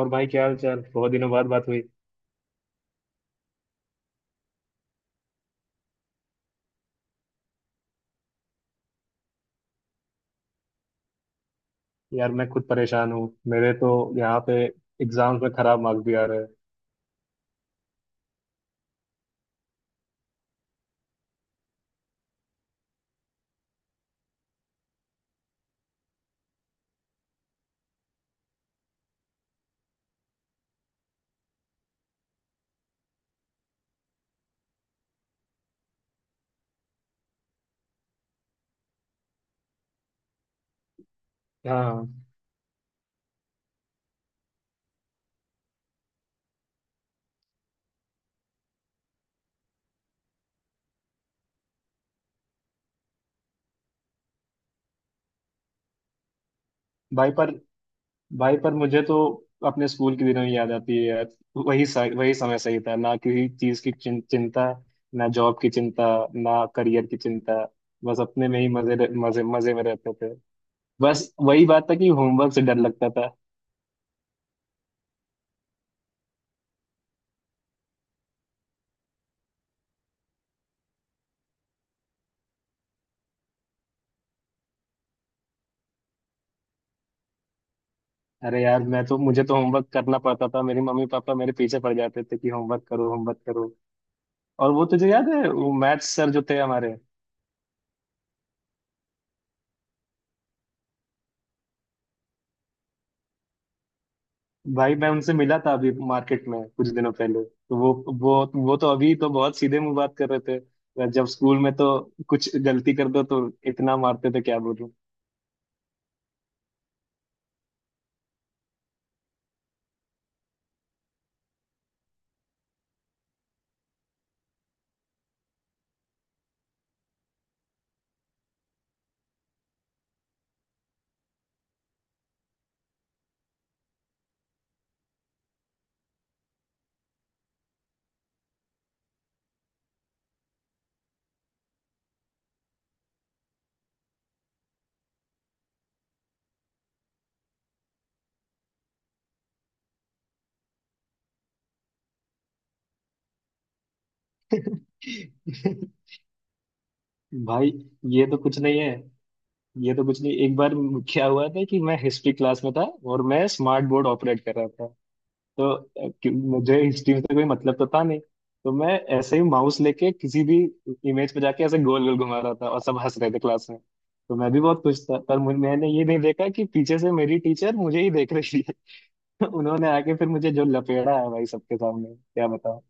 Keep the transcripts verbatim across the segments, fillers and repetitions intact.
और भाई क्या हाल चाल, बहुत दिनों बाद बात हुई। यार मैं खुद परेशान हूँ, मेरे तो यहाँ पे एग्जाम्स में खराब मार्क्स भी आ रहे हैं। हाँ भाई। पर भाई पर मुझे तो अपने स्कूल के दिनों ही याद आती है यार। वही स- वही समय सही था ना, किसी चीज की चिं, चिंता, ना जॉब की चिंता, ना करियर की चिंता, बस अपने में ही मजे मजे मजे में रहते थे। बस वही बात था कि होमवर्क से डर लगता था। अरे यार, मैं तो मुझे तो होमवर्क करना पड़ता था, मेरी मम्मी पापा मेरे पीछे पड़ जाते थे कि होमवर्क करो, होमवर्क करो। और वो तुझे याद है वो मैथ्स सर जो थे हमारे? भाई मैं उनसे मिला था अभी मार्केट में, कुछ दिनों पहले, तो वो वो वो तो अभी तो बहुत सीधे मुंह बात कर रहे थे। जब स्कूल में तो कुछ गलती कर दो तो इतना मारते थे, क्या बोलूं। भाई ये तो कुछ नहीं है। ये तो कुछ नहीं, एक बार क्या हुआ था कि मैं हिस्ट्री क्लास में था और मैं स्मार्ट बोर्ड ऑपरेट कर रहा था। तो अ, कि- मुझे हिस्ट्री में से कोई मतलब तो था नहीं, तो मैं ऐसे ही माउस लेके किसी भी इमेज पे जाके ऐसे गोल गोल घुमा रहा था और सब हंस रहे थे क्लास में। तो मैं भी बहुत खुश था, पर मु- मैंने ये नहीं देखा कि पीछे से मेरी टीचर मुझे ही देख रही है। उन्होंने आके फिर मुझे जो लपेड़ा है भाई, सबके सामने, क्या बताऊं।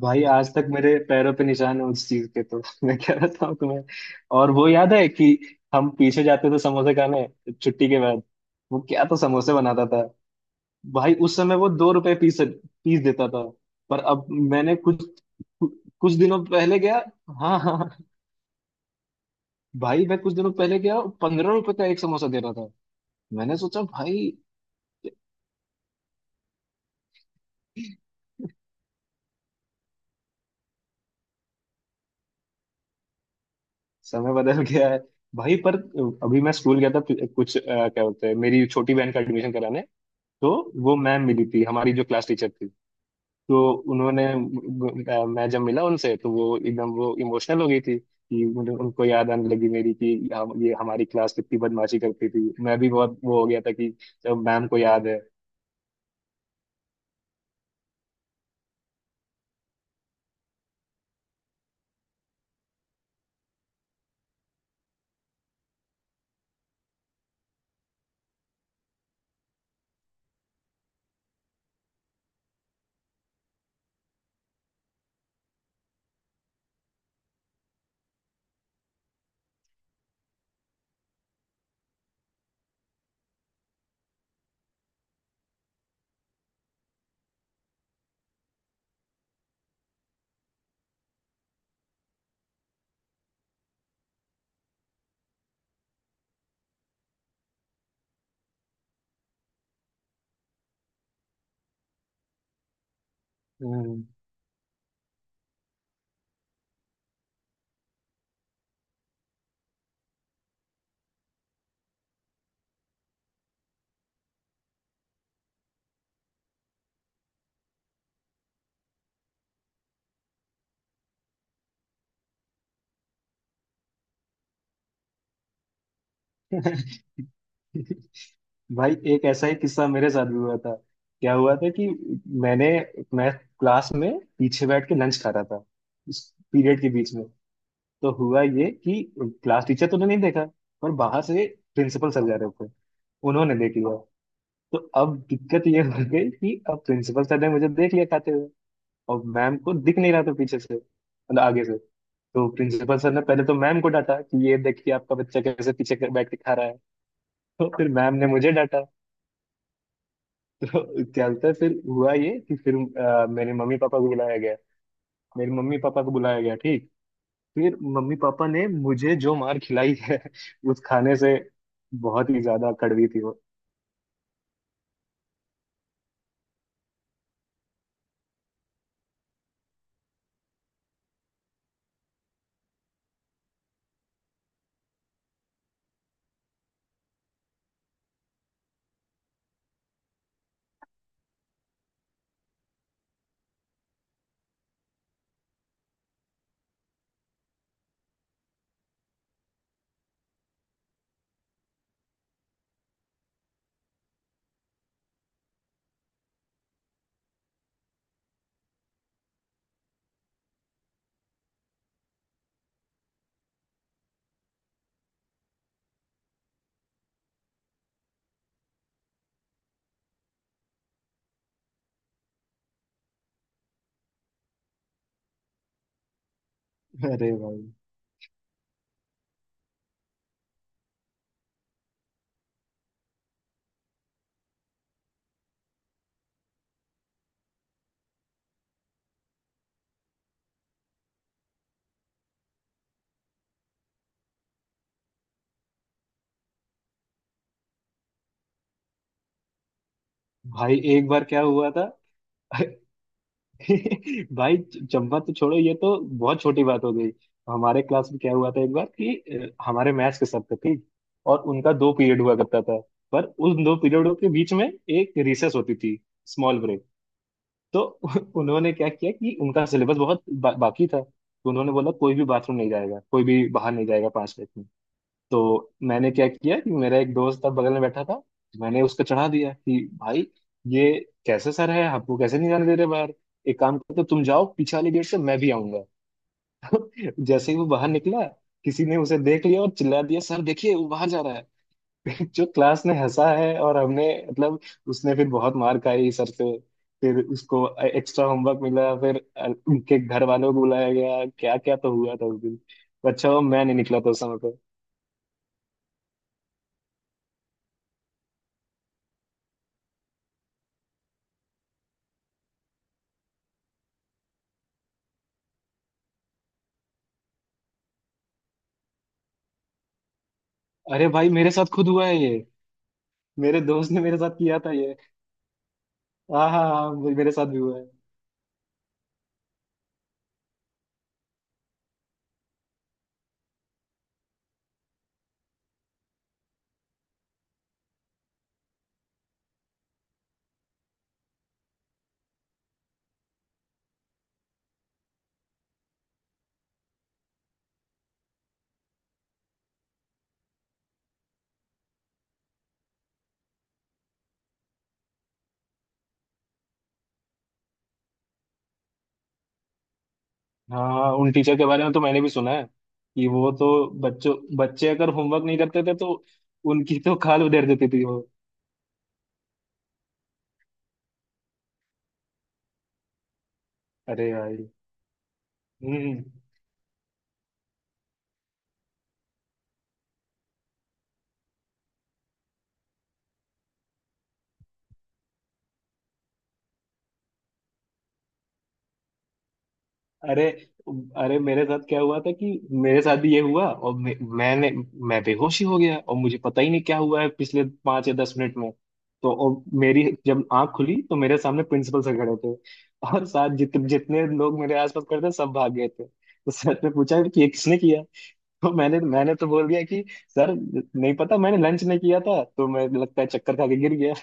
भाई आज तक मेरे पैरों पे निशान है उस चीज के तो मैं क्या बताऊं तुम्हें। और वो याद है कि हम पीछे जाते थे समोसे खाने छुट्टी के बाद, वो क्या तो समोसे बनाता था। भाई उस समय वो दो रुपए पीस पीस देता था। पर अब मैंने कुछ कुछ दिनों पहले गया। हाँ, हाँ, हाँ। भाई मैं कुछ दिनों पहले गया, पंद्रह रुपए का एक समोसा दे रहा था। मैंने सोचा भाई, समय बदल गया है। भाई पर अभी मैं स्कूल गया था कुछ, अ, क्या बोलते हैं, मेरी छोटी बहन का एडमिशन कराने। तो वो मैम मिली थी हमारी जो क्लास टीचर थी। तो उन्होंने, म- मैं जब मिला उनसे तो वो एकदम वो इमोशनल हो गई थी, कि मुझे उनको याद आने लगी मेरी, कि हम ये हमारी क्लास कितनी बदमाशी करती थी, मैं भी बहुत वो हो गया था कि जब मैम को याद है। हम्म। भाई एक ऐसा ही किस्सा मेरे साथ भी हुआ था। क्या हुआ था कि मैंने मैं क्लास में पीछे बैठ के लंच खा रहा था, इस पीरियड के बीच में। तो हुआ ये कि क्लास टीचर तो ने नहीं देखा, पर बाहर से प्रिंसिपल सर जा रहे थे, उन्होंने देख लिया। तो अब दिक्कत ये हो गई कि अब प्रिंसिपल सर ने मुझे देख लिया खाते हुए, और मैम को दिख नहीं रहा था पीछे से, मतलब आगे से। तो प्रिंसिपल सर ने पहले तो मैम को डांटा कि ये देखिए आपका बच्चा कैसे पीछे कर- बैठ के खा रहा है। तो फिर मैम ने मुझे डांटा। तो क्या होता है, फिर हुआ ये कि फिर अ, मेरे मम्मी पापा को बुलाया गया, मेरे मम्मी पापा को बुलाया गया, ठीक। फिर मम्मी पापा ने मुझे जो मार खिलाई है उस खाने से, बहुत ही ज्यादा कड़वी थी वो। अरे भाई, भाई एक बार क्या हुआ था। भाई चंपा तो छोड़ो, ये तो बहुत छोटी बात हो गई। हमारे क्लास में क्या हुआ था एक बार कि अ, हमारे मैथ्स के सब थे, ठीक, और उनका दो पीरियड हुआ करता था, पर उन दो पीरियडों के बीच में एक रिसेस होती थी, स्मॉल ब्रेक। तो उन्होंने क्या किया कि उनका सिलेबस बहुत बा, बाकी था, तो उन्होंने बोला कोई भी बाथरूम नहीं जाएगा, कोई भी बाहर नहीं जाएगा पांच मिनट में। तो मैंने क्या किया कि मेरा एक दोस्त था बगल में बैठा था, मैंने उसको चढ़ा दिया कि भाई ये कैसे सर है, हमको कैसे नहीं जाने दे रहे बाहर, एक काम करते हो, तुम जाओ पीछे वाले गेट से, मैं भी आऊंगा। जैसे ही वो बाहर निकला, किसी ने उसे देख लिया और चिल्ला दिया, सर देखिए वो बाहर जा रहा है। जो क्लास ने हंसा है, और हमने मतलब, उसने फिर बहुत मार खाई सर से। फिर उसको एक्स्ट्रा होमवर्क मिला, फिर अ, उनके घर वालों को बुलाया गया, क्या क्या तो हुआ था उस दिन, तो अच्छा हुआ मैं नहीं निकला था उस समय। अरे भाई, मेरे साथ खुद हुआ है ये। मेरे दोस्त ने मेरे साथ किया था ये। हाँ, हाँ, हाँ। मेरे साथ भी हुआ है। हाँ, हाँ, उन टीचर के बारे में तो मैंने भी सुना है, कि वो तो बच्चों बच्चे अगर होमवर्क नहीं करते थे तो उनकी तो खाल उधेड़ देती थी वो। अरे भाई। हम्म। अरे अरे, मेरे साथ क्या हुआ था कि मेरे साथ भी ये हुआ, और मैं, मैंने मैं बेहोश ही हो गया, और मुझे पता ही नहीं क्या हुआ है पिछले पाँच या दस मिनट में। तो और मेरी जब आंख खुली तो मेरे सामने प्रिंसिपल सर खड़े थे और साथ जित, जितने लोग मेरे आसपास खड़े थे सब भाग गए थे। तो सर ने पूछा कि ये किसने किया। तो मैंने मैंने तो बोल दिया कि सर नहीं पता, मैंने लंच नहीं किया था तो मैं, लगता है, चक्कर खा के गिर गया।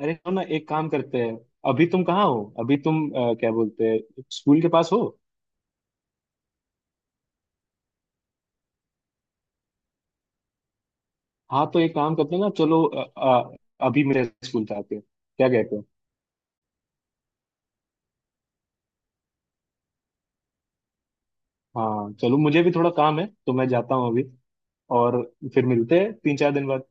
अरे सुनो ना, एक काम करते हैं। अभी तुम कहाँ हो, अभी तुम, अ, क्या बोलते हैं, स्कूल के पास हो? हाँ तो एक काम करते हैं ना, चलो अ, अ, अभी मेरे स्कूल से आते हैं, क्या कहते हो? हाँ चलो, मुझे भी थोड़ा काम है तो मैं जाता हूँ अभी। और फिर मिलते हैं तीन चार दिन बाद।